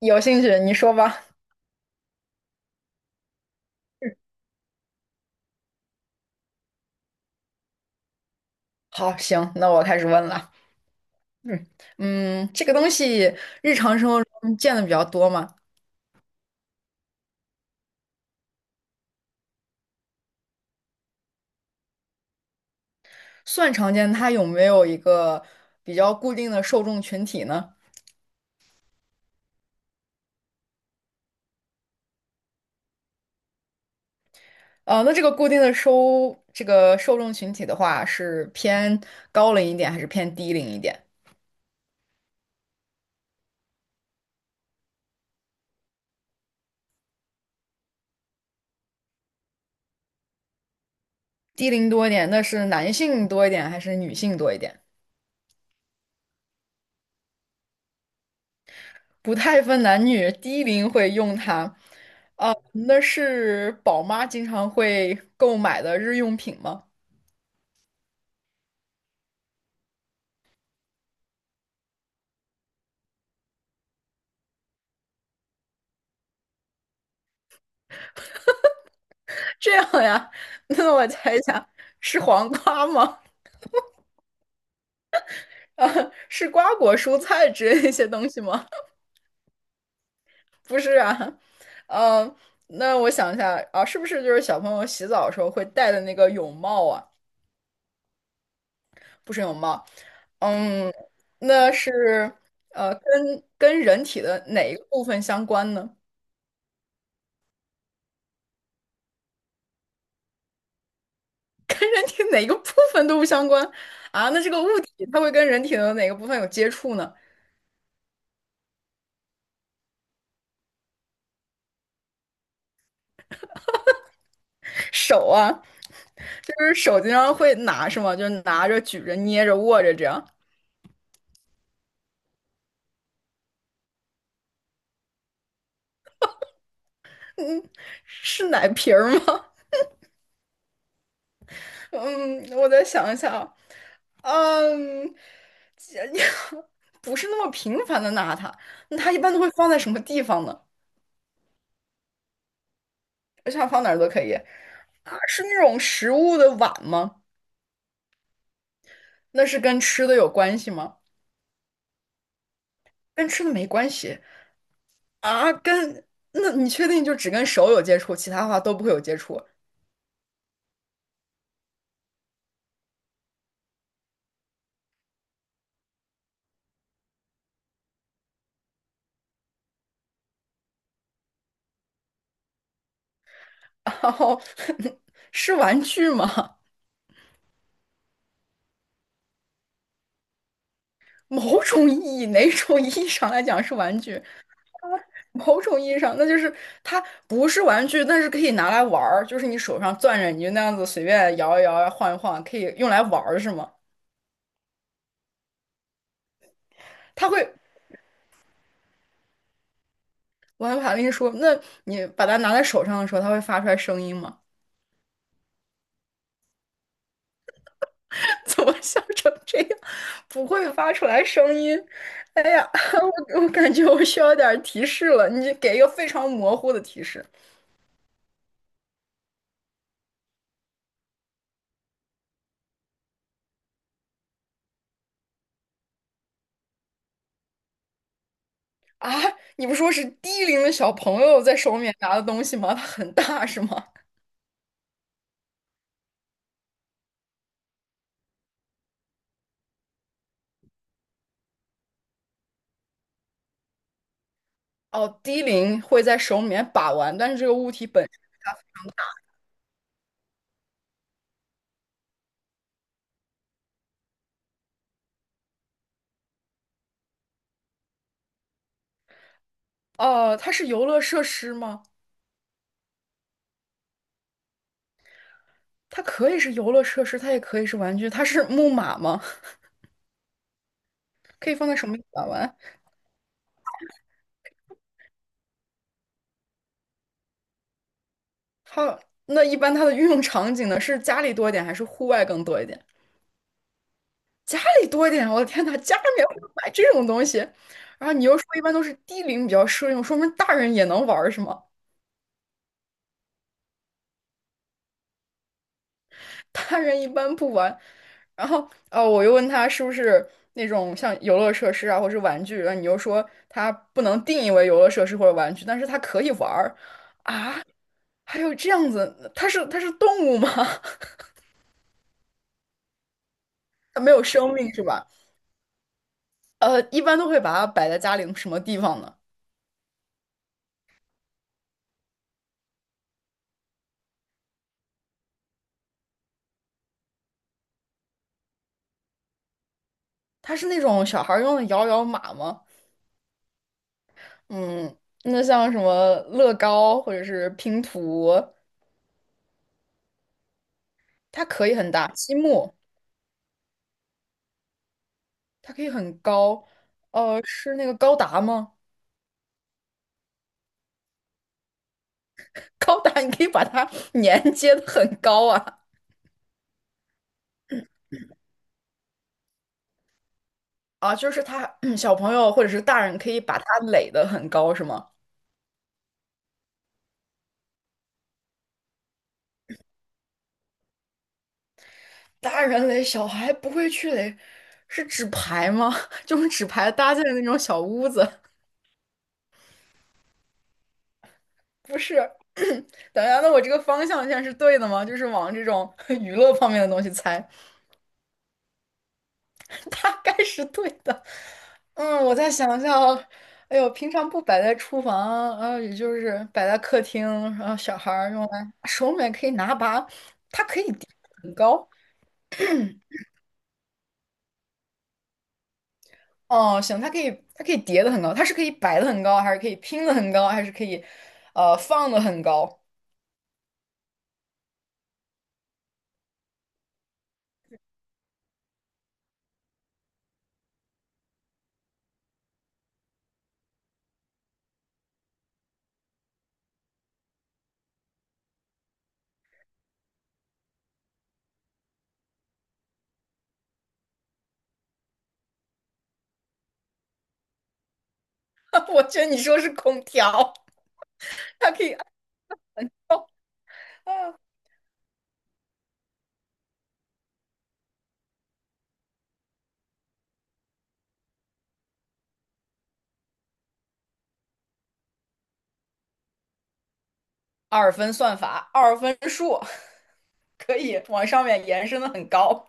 有兴趣你说吧。好，行，那我开始问了。嗯嗯，这个东西日常生活中见的比较多嘛，算常见。它有没有一个比较固定的受众群体呢？呃，那这个固定的这个受众群体的话，是偏高龄一点还是偏低龄一点？低龄多一点，那是男性多一点还是女性多一点？不太分男女，低龄会用它。啊，那是宝妈经常会购买的日用品吗？这样呀，那我猜一下，是黄瓜吗？啊，是瓜果蔬菜之类的一些东西吗？不是啊，呃，那我想一下啊，是不是就是小朋友洗澡的时候会戴的那个泳帽啊？不是泳帽，嗯，那是跟人体的哪一个部分相关呢？跟人体哪个部分都不相关啊？那这个物体它会跟人体的哪个部分有接触呢？手啊？就是手经常会拿是吗？就拿着、举着、捏着、握着这样，是奶瓶儿吗？嗯，我再想一想，嗯，这 不是那么频繁的拿它，那它一般都会放在什么地方呢？我想放哪儿都可以啊，是那种食物的碗吗？那是跟吃的有关系吗？跟吃的没关系啊，那你确定就只跟手有接触，其他的话都不会有接触？然后 是玩具吗？某种意义，哪种意义上来讲是玩具？某种意义上，那就是它不是玩具，但是可以拿来玩儿，就是你手上攥着，你就那样子随便摇一摇啊、晃一晃，可以用来玩儿，是吗？它会，我还怕跟你说，那你把它拿在手上的时候，它会发出来声音吗？怎么笑成这样？不会发出来声音。哎呀，我感觉我需要点儿提示了，你给一个非常模糊的提示。啊，你不说是低龄的小朋友在手里面拿的东西吗？它很大是吗？哦，低龄会在手里面把玩，但是这个物体本，哦，它是游乐设施吗？它可以是游乐设施，它也可以是玩具。它是木马吗？可以放在手里面把玩。它那一般它的运用场景呢，是家里多一点还是户外更多一点？家里多一点，我的天呐，家里面会买这种东西。然后你又说一般都是低龄比较适用，说明大人也能玩儿是吗？大人一般不玩。然后，呃，我又问他是不是那种像游乐设施啊，或是玩具，然后你又说它不能定义为游乐设施或者玩具，但是它可以玩儿。还有这样子，它是动物吗？它没有生命是吧？呃，一般都会把它摆在家里什么地方呢？它是那种小孩儿用的摇摇马吗？嗯，那像什么乐高或者是拼图，它可以很大，积木它可以很高，呃，是那个高达吗？高达你可以把它连接的很高啊啊，就是他小朋友或者是大人可以把它垒的很高是吗？大人垒小孩不会去垒，是纸牌吗？就是纸牌搭建的那种小屋子，不是？等一下，那我这个方向线是对的吗？就是往这种 娱乐方面的东西猜。大概是对的。嗯，我再想想啊，哎呦，平常不摆在厨房，然也就是摆在客厅，然后小孩儿用来手里面可以拿把，它可以叠得很高。哦，行，它可以，它可以叠的很高，它是可以摆的很高，还是可以拼的很高，还是可以，呃，放的很高？我觉得你说是空调，它可以，啊，二分算法，二分数，可以往上面延伸的很高。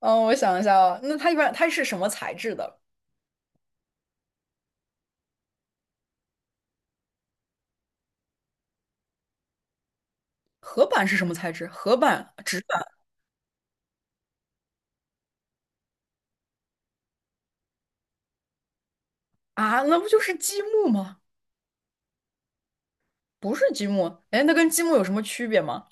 嗯，我想一下啊，那它一般它是什么材质的？合板是什么材质？合板、纸板啊，那不就是积木吗？不是积木，哎，那跟积木有什么区别吗？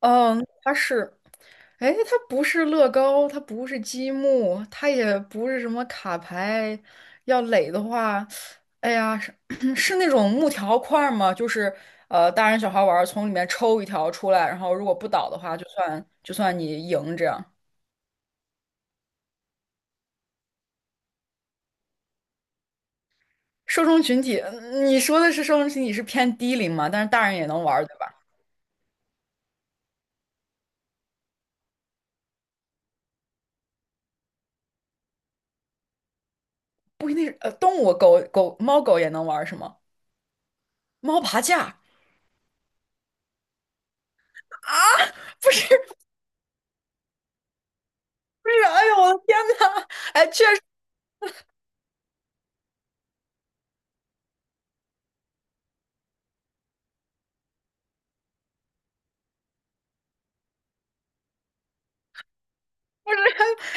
嗯，它是，哎，它不是乐高，它不是积木，它也不是什么卡牌。要垒的话，哎呀，是 是那种木条块儿吗？就是呃，大人小孩玩儿从里面抽一条出来，然后如果不倒的话，就算你赢这样。受众群体，嗯你说的是受众群体是偏低龄嘛？但是大人也能玩儿对吧？不一定是呃动物，狗狗猫狗也能玩是吗？猫爬架啊？不是不是，哎呦我的天呐，哎，确实不是，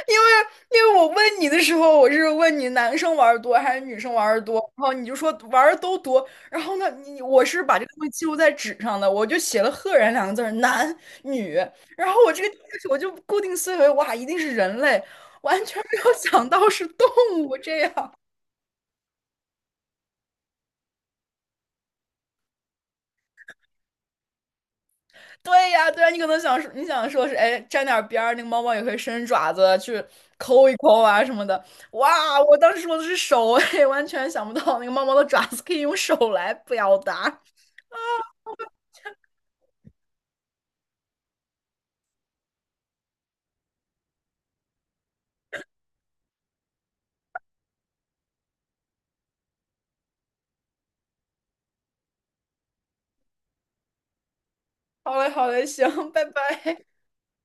因为因为我问你的时候，我是问你男生玩的多还是女生玩的多，然后你就说玩的都多，然后呢，你我是把这个东西记录在纸上的，我就写了"赫然"两个字儿男女，然后我这个我就固定思维，哇，一定是人类，完全没有想到是动物这样。对呀，对呀，你可能想说，你想说是，哎，沾点儿边儿，那个猫猫也会伸爪子去抠一抠啊什么的。哇，我当时说的是手，哎，完全想不到那个猫猫的爪子可以用手来表达。好嘞，好嘞，行，拜拜。